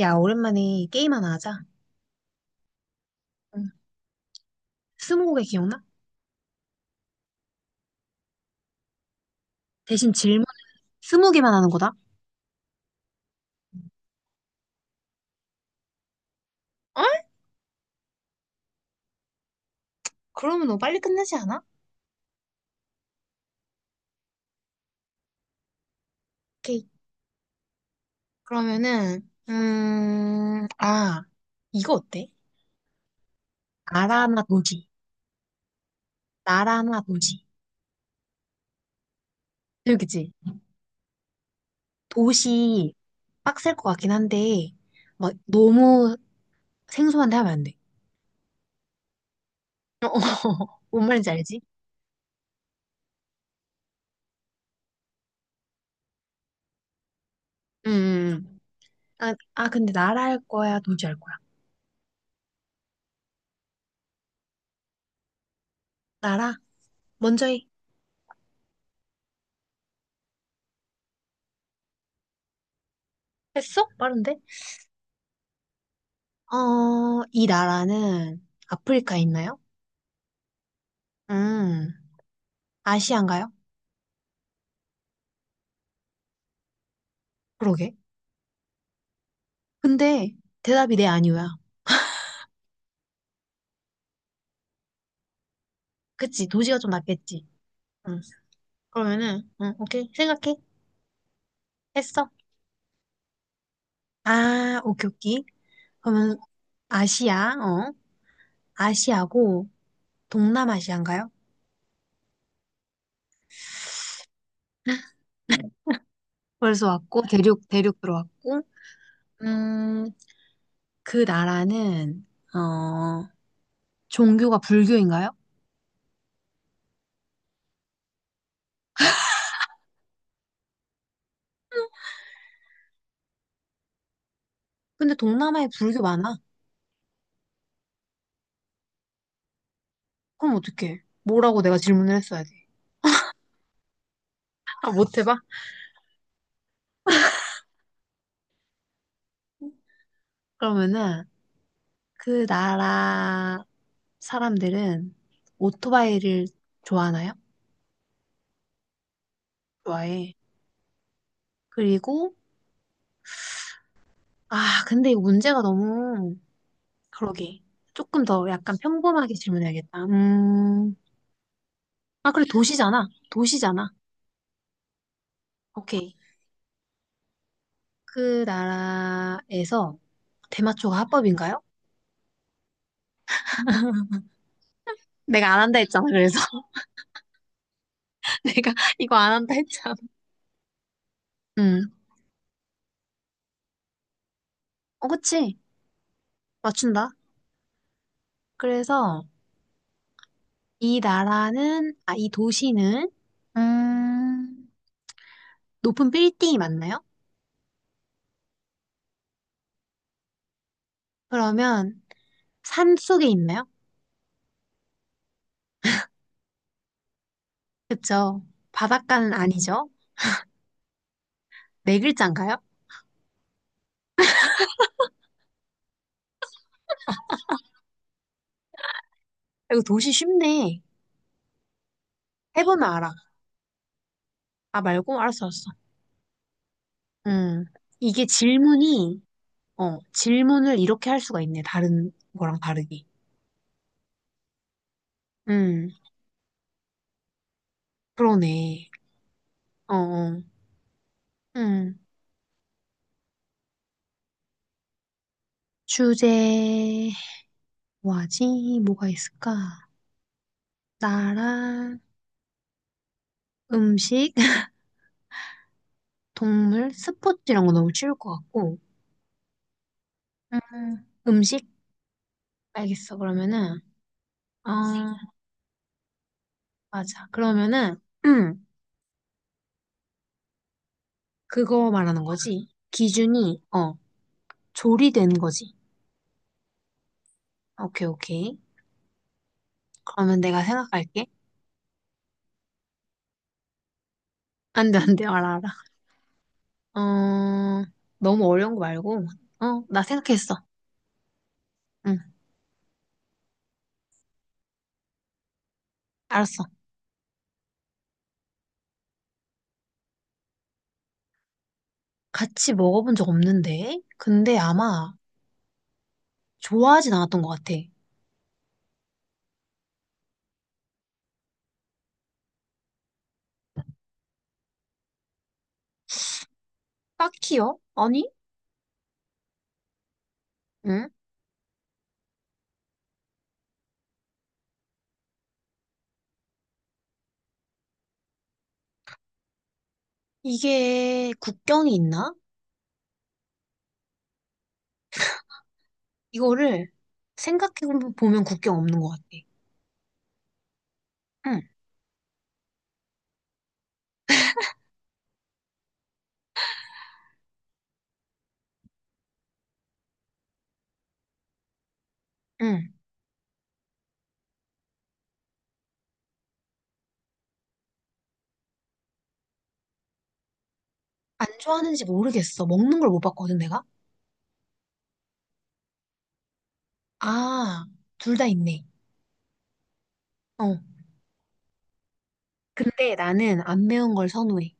야, 오랜만에 게임 하나 하자. 응. 스무고개 기억나? 대신 질문 스무 개만 하는 거다. 어? 그러면 너무 빨리 끝나지 않아? 오케이. 그러면은, 아, 이거 어때? 나라 나 도시. 나라 나 도시. 여기지? 도시 빡셀 것 같긴 한데, 막 너무 생소한데 하면 안 돼. 뭔 말인지 알지? 응. 아, 아, 근데 나라 할 거야? 도시 할 거야? 나라? 먼저 해. 했어? 빠른데? 어, 이 나라는 아프리카에 있나요? 음, 아시안가요? 그러게. 근데 대답이 네 아니오야. 그치, 도시가 좀 낫겠지. 응. 그러면은, 응, 오케이. 생각해. 했어. 아, 오케이, 오케이. 그러면 아시아, 어? 아시아고 동남아시아인가요? 벌써 왔고, 대륙, 대륙 들어왔고, 음, 그 나라는, 어, 종교가 불교인가요? 근데 동남아에 불교 많아. 그럼 어떡해. 뭐라고 내가 질문을 했어야 돼. 아, 못 해봐? 그러면은 그 나라 사람들은 오토바이를 좋아하나요? 좋아해. 그리고 아 근데 이 문제가 너무 그러게 조금 더 약간 평범하게 질문해야겠다. 아 그래 도시잖아. 도시잖아. 오케이. 그 나라에서 대마초가 합법인가요? 내가 안 한다 했잖아. 그래서 내가 이거 안 한다 했잖아. 음, 어 그치? 맞춘다. 그래서 이 나라는, 아, 이 도시는 음, 높은 빌딩이 맞나요? 그러면 산 속에 있나요? 그쵸. 바닷가는 아니죠. 네 글자인가요? 아, 이거 도시 쉽네. 해보면 알아. 아, 말고? 알았어, 알았어. 음, 이게 질문이, 질문을 이렇게 할 수가 있네. 다른 거랑 다르게. 음, 그러네. 어, 어. 음, 주제, 뭐하지? 뭐가 있을까? 나라, 음식, 동물, 스포츠 이런 거 너무 쉬울 것 같고. 음식? 알겠어. 그러면은, 아, 맞아. 그러면은, 음, 그거 말하는 거지. 기준이, 어, 조리된 거지. 오케이, 오케이. 그러면 내가 생각할게. 안 돼, 안 돼. 알아, 알아. 어, 너무 어려운 거 말고. 어, 나 생각했어. 응, 알았어. 같이 먹어본 적 없는데? 근데 아마 좋아하진 않았던 것 같아. 딱히요? 아니? 응? 이게 국경이 있나? 이거를 생각해 보면 국경 없는 것 같아. 응, 응. 안 좋아하는지 모르겠어. 먹는 걸 못 봤거든, 내가? 아, 둘 다 있네. 어. 근데 나는 안 매운 걸 선호해.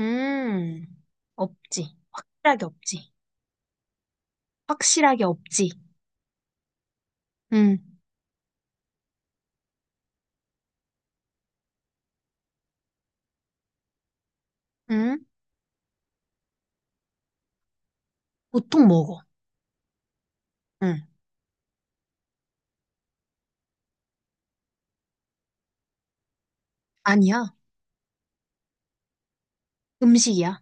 음, 없지. 확실하게 없지. 확실하게 없지. 응, 응. 보통 먹어. 응. 아니야. 음식이야.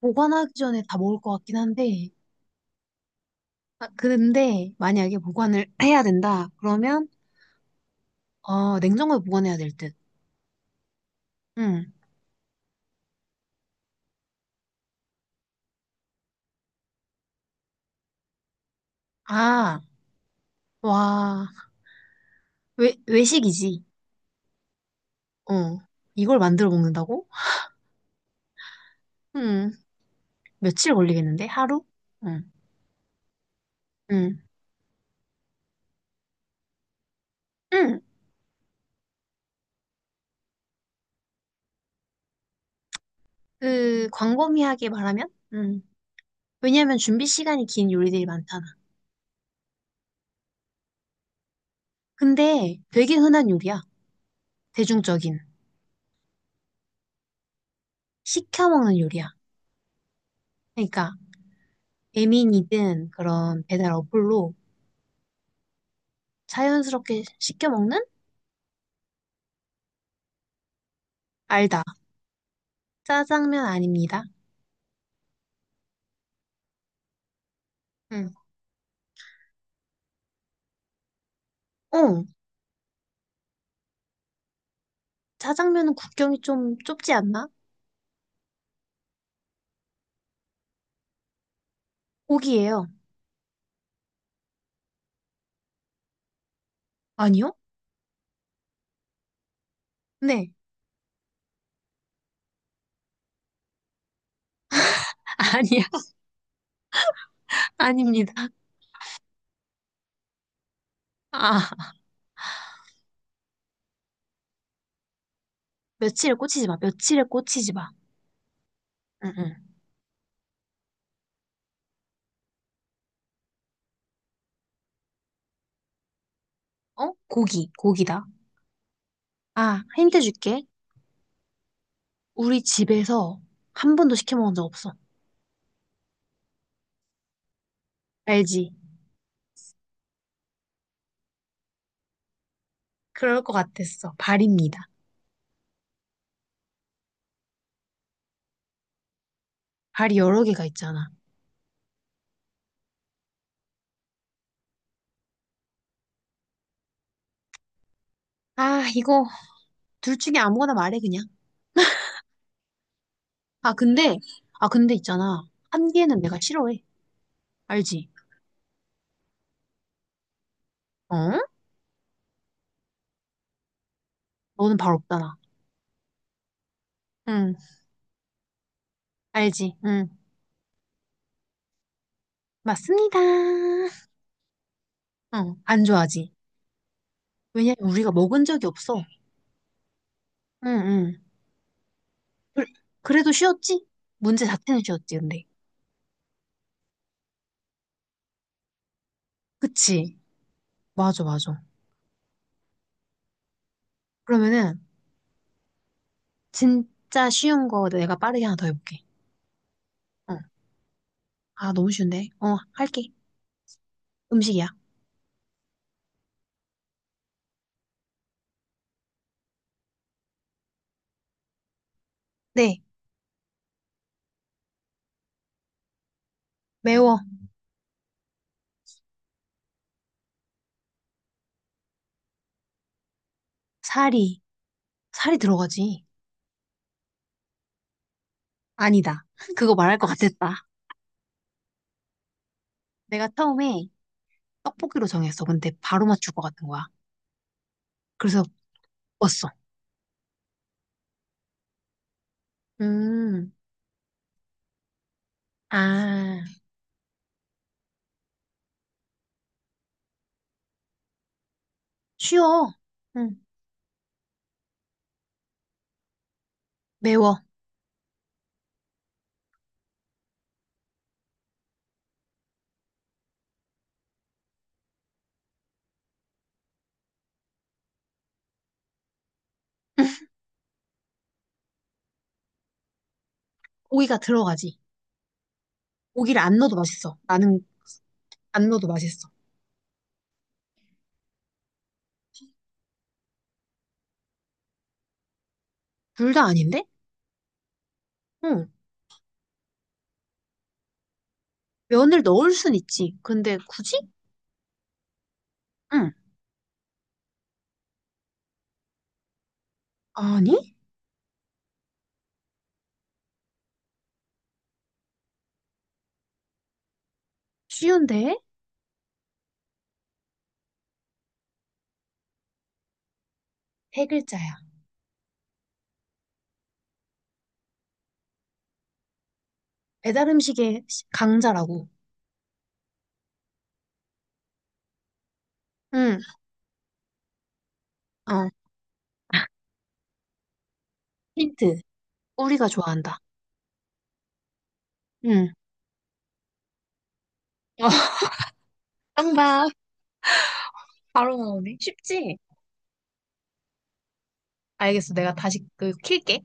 보관하기 전에 다 먹을 것 같긴 한데. 아, 근데 만약에 보관을 해야 된다. 그러면, 어, 냉장고에 보관해야 될 듯. 응. 아. 와, 외식이지. 어. 이걸 만들어 먹는다고? 음, 며칠 걸리겠는데? 하루? 응, 응, 응. 광범위하게 말하면? 응. 왜냐면 준비 시간이 긴 요리들이 많잖아. 근데 되게 흔한 요리야. 대중적인. 시켜 먹는 요리야. 그러니까, 배민이든 그런 배달 어플로 자연스럽게 시켜 먹는? 알다. 짜장면 아닙니다. 응. 어, 짜장면은 국경이 좀 좁지 않나? 고기예요. 아니요? 네. 아니야, 아닙니다. 아, 며칠에 꽂히지 마, 며칠에 꽂히지 마. 응, 응. 어? 고기, 고기다. 아, 힌트 줄게. 우리 집에서 한 번도 시켜 먹은 적 없어. 알지? 그럴 것 같았어. 발입니다. 발이 여러 개가 있잖아. 아, 이거 둘 중에 아무거나 말해, 그냥. 아, 근데, 아, 근데 있잖아. 한 개는 내가 싫어해. 알지? 어? 너는 발 없잖아. 응, 알지? 응. 맞습니다. 응, 안 좋아하지? 왜냐면 우리가 먹은 적이 없어. 응, 응. 그, 래도 쉬웠지? 문제 자체는 쉬웠지, 근데. 그치? 맞아, 맞아. 그러면은, 진짜 쉬운 거 내가 빠르게 하나 더 해볼게. 어. 아, 너무 쉬운데? 어, 할게. 음식이야. 네, 매워. 살이. 살이 들어가지. 아니다. 그거 말할 것 같았다. 내가 처음에 떡볶이로 정했어. 근데 바로 맞출 것 같은 거야. 그래서 먹었어. 음, 아, 쉬워. 응, 매워. 고기가 들어가지. 고기를 안 넣어도 맛있어. 나는 안 넣어도 맛있어. 둘 다 아닌데? 응. 면을 넣을 순 있지. 근데 굳이? 응. 아니? 쉬운데? 세 글자야. 배달 음식의 강자라고. 응. 어. 힌트. 우리가 좋아한다. 응. 어, 빵봐. 바로 나오네. 쉽지? 알겠어. 내가 다시 그 킬게.